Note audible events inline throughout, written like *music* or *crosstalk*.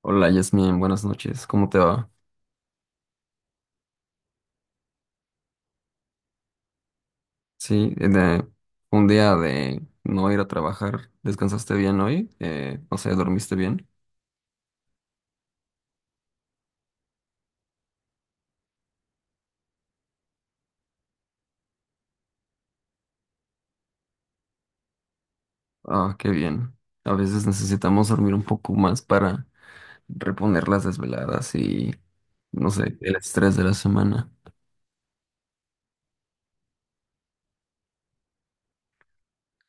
Hola Yasmin, buenas noches, ¿cómo te va? Sí, eh, de- un día de no ir a trabajar, ¿descansaste bien hoy? ¿Dormiste bien? Ah, qué bien. A veces necesitamos dormir un poco más para reponer las desveladas no sé, el estrés de la semana.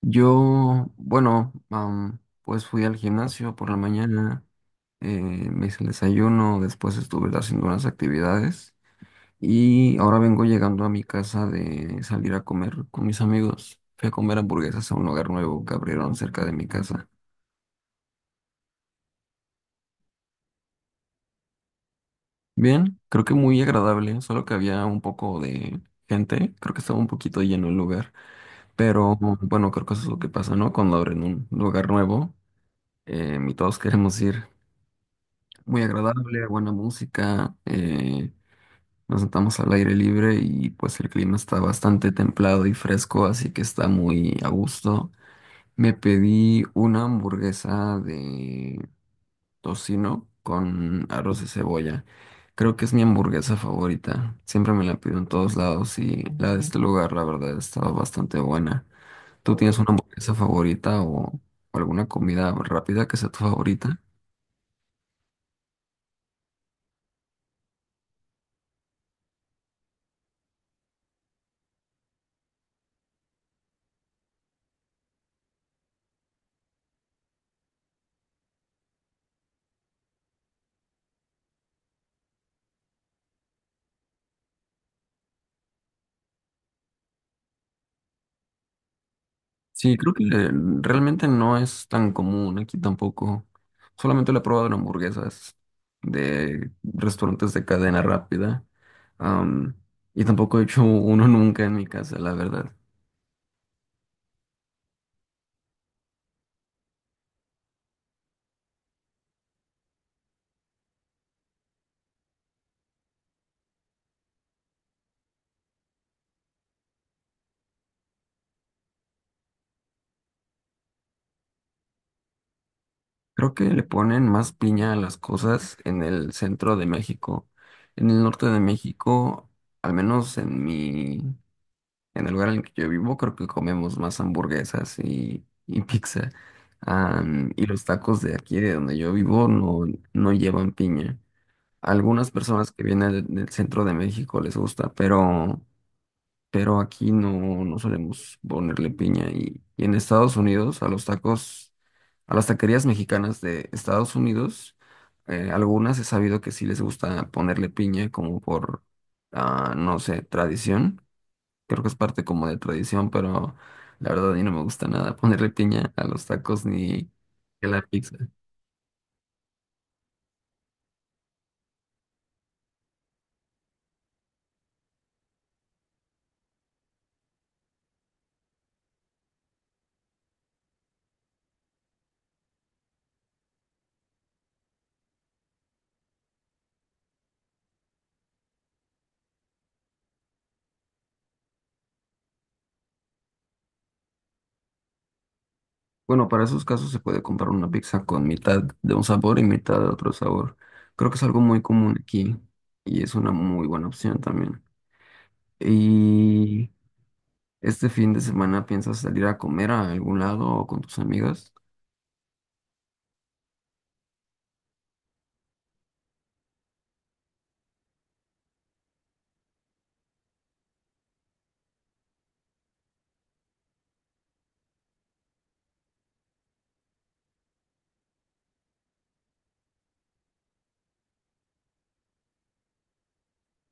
Yo, bueno, pues fui al gimnasio por la mañana, me hice el desayuno, después estuve haciendo unas actividades. Y ahora vengo llegando a mi casa de salir a comer con mis amigos. Fui a comer hamburguesas a un lugar nuevo que abrieron cerca de mi casa. Bien, creo que muy agradable, solo que había un poco de gente. Creo que estaba un poquito lleno el lugar. Pero bueno, creo que eso es lo que pasa, ¿no? Cuando abren un lugar nuevo, y todos queremos ir. Muy agradable, buena música. Nos sentamos al aire libre y pues el clima está bastante templado y fresco, así que está muy a gusto. Me pedí una hamburguesa de tocino con arroz de cebolla. Creo que es mi hamburguesa favorita. Siempre me la pido en todos lados y la de este lugar, la verdad, estaba bastante buena. ¿Tú tienes una hamburguesa favorita o alguna comida rápida que sea tu favorita? Sí, creo que realmente no es tan común aquí tampoco. Solamente lo he probado en hamburguesas de restaurantes de cadena rápida. Am, y tampoco he hecho uno *laughs* nunca en mi casa, la verdad. Creo que le ponen más piña a las cosas en el centro de México. En el norte de México, al menos en mi En el lugar en el que yo vivo, creo que comemos más hamburguesas y *laughs* pizza. Y los tacos de aquí, de donde yo vivo, no llevan piña. Algunas personas que vienen del centro de México les gusta, pero aquí no solemos ponerle piña. Y en Estados Unidos, a los tacos, a las taquerías mexicanas de Estados Unidos, algunas he sabido que sí les gusta ponerle piña, como no sé, tradición. Creo que es parte como de tradición, pero la verdad a mí no me gusta nada *laughs* ponerle piña a los tacos ni a la pizza. Bueno, para esos casos se puede comprar una pizza con mitad de un sabor y mitad de otro sabor. Creo que es algo muy común aquí y es una muy buena opción también. ¿Y este fin de semana piensas salir a comer a algún lado o con tus amigas?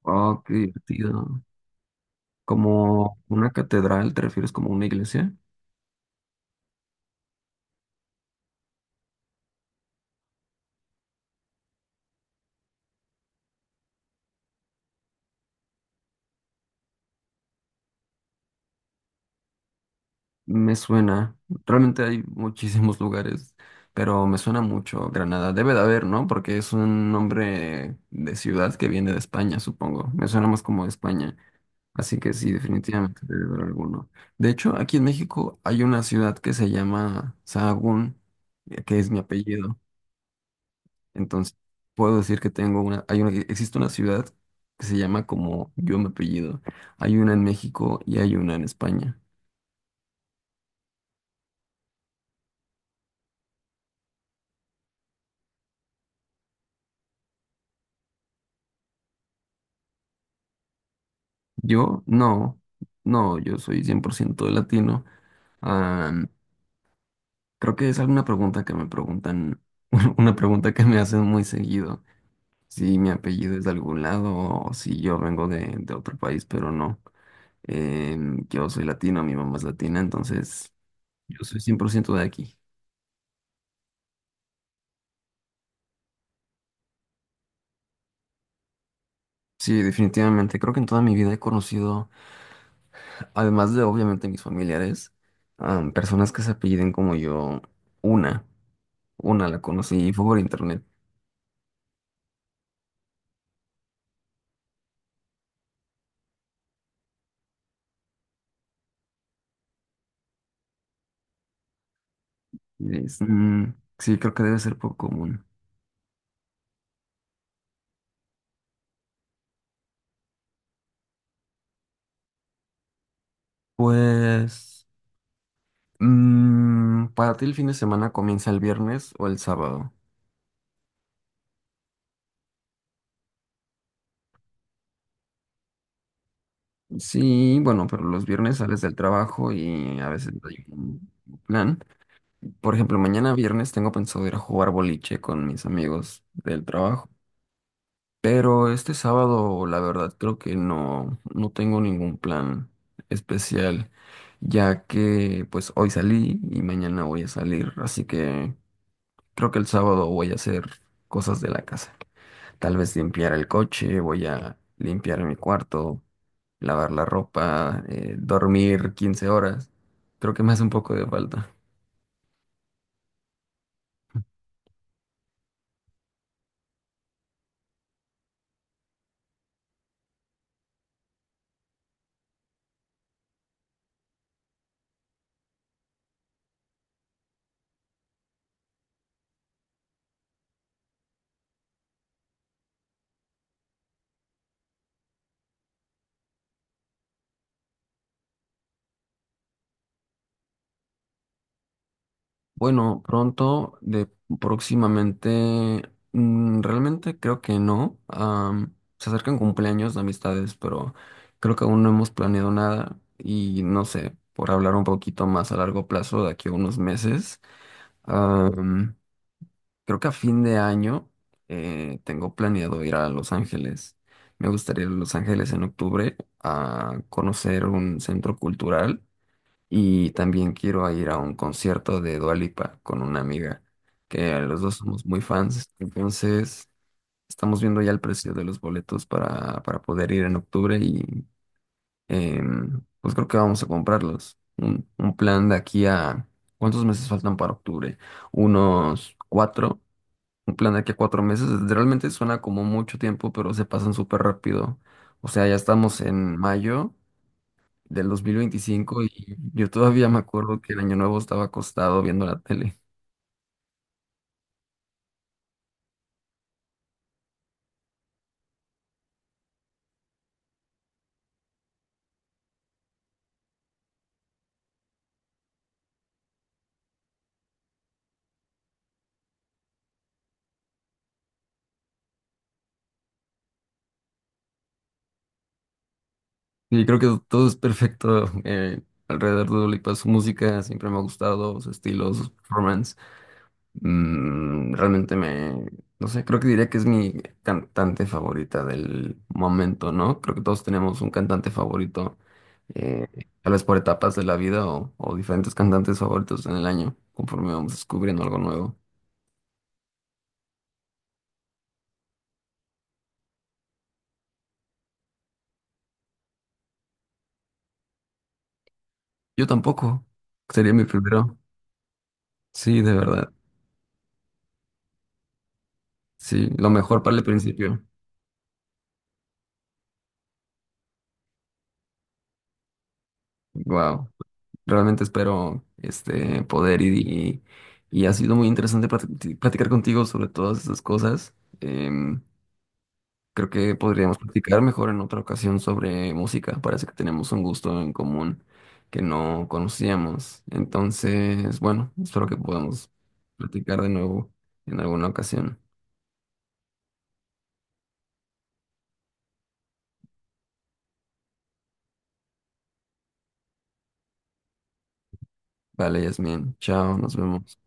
Oh, qué divertido. ¿Como una catedral? ¿Te refieres como una iglesia? Me suena. Realmente hay muchísimos lugares, pero me suena mucho Granada. Debe de haber, ¿no? Porque es un nombre de ciudad que viene de España, supongo. Me suena más como de España. Así que sí, definitivamente debe haber alguno. De hecho, aquí en México hay una ciudad que se llama Sahagún, que es mi apellido. Entonces, puedo decir que tengo una, hay una, existe una ciudad que se llama como yo mi apellido. Hay una en México y hay una en España. Yo no, No, yo soy 100% latino. Ah, creo que es alguna pregunta que me preguntan, *laughs* una pregunta que me hacen muy seguido, si mi apellido es de algún lado o si yo vengo de otro país, pero no. Yo soy latino, mi mamá es latina, entonces yo soy 100% de aquí. Sí, definitivamente, creo que en toda mi vida he conocido, además de obviamente mis familiares, personas que se apelliden como yo, una, una la conocí y fue por internet. Es- mm, sí, creo que debe ser poco común. Pues, para ti el fin de semana comienza el viernes o el sábado. Sí, bueno, pero los viernes sales del trabajo y a veces no hay un plan. Por ejemplo, mañana viernes tengo pensado ir a jugar boliche con mis amigos del trabajo. Pero este sábado, la verdad, creo que no tengo ningún plan especial, ya que pues hoy salí y mañana voy a salir, así que creo que el sábado voy a hacer cosas de la casa. Tal vez limpiar el coche, voy a limpiar mi cuarto, lavar la ropa, dormir 15 horas. Creo que me hace un poco de falta. Bueno, pronto, de próximamente, realmente creo que no. Se acercan cumpleaños de amistades, pero creo que aún no hemos planeado nada y no sé, por hablar un poquito más a largo plazo, de aquí a unos meses. Creo que a fin de año tengo planeado ir a Los Ángeles. Me gustaría ir a Los Ángeles en octubre a conocer un centro cultural y también quiero a ir a un concierto de Dua Lipa con una amiga, que los dos somos muy fans. Entonces, estamos viendo ya el precio de los boletos para poder ir en octubre y pues creo que vamos a comprarlos. Un plan de aquí a... ¿Cuántos meses faltan para octubre? Unos cuatro. Un plan de aquí a cuatro meses realmente suena como mucho tiempo, pero se pasan súper rápido. O sea, ya estamos en mayo del 2025 y yo todavía me acuerdo que el año nuevo estaba acostado viendo la tele. Y creo que todo es perfecto alrededor de Dua Lipa. Su música siempre me ha gustado, su estilo, sus performances. Mm, realmente me, no sé, creo que diría que es mi cantante favorita del momento, ¿no? Creo que todos tenemos un cantante favorito, eh, tal vez por etapas de la vida o diferentes cantantes favoritos en el año, conforme vamos descubriendo algo nuevo. Yo tampoco, sería mi primero. Sí, de verdad. Sí, lo mejor para el principio. Wow, realmente espero poder y ha sido muy interesante platicar contigo sobre todas esas cosas. Em, Creo que podríamos platicar mejor en otra ocasión sobre música. Parece que tenemos un gusto en común que no conocíamos. Entonces, bueno, espero que podamos platicar de nuevo en alguna ocasión. Vale, Yasmin. Chao, nos vemos.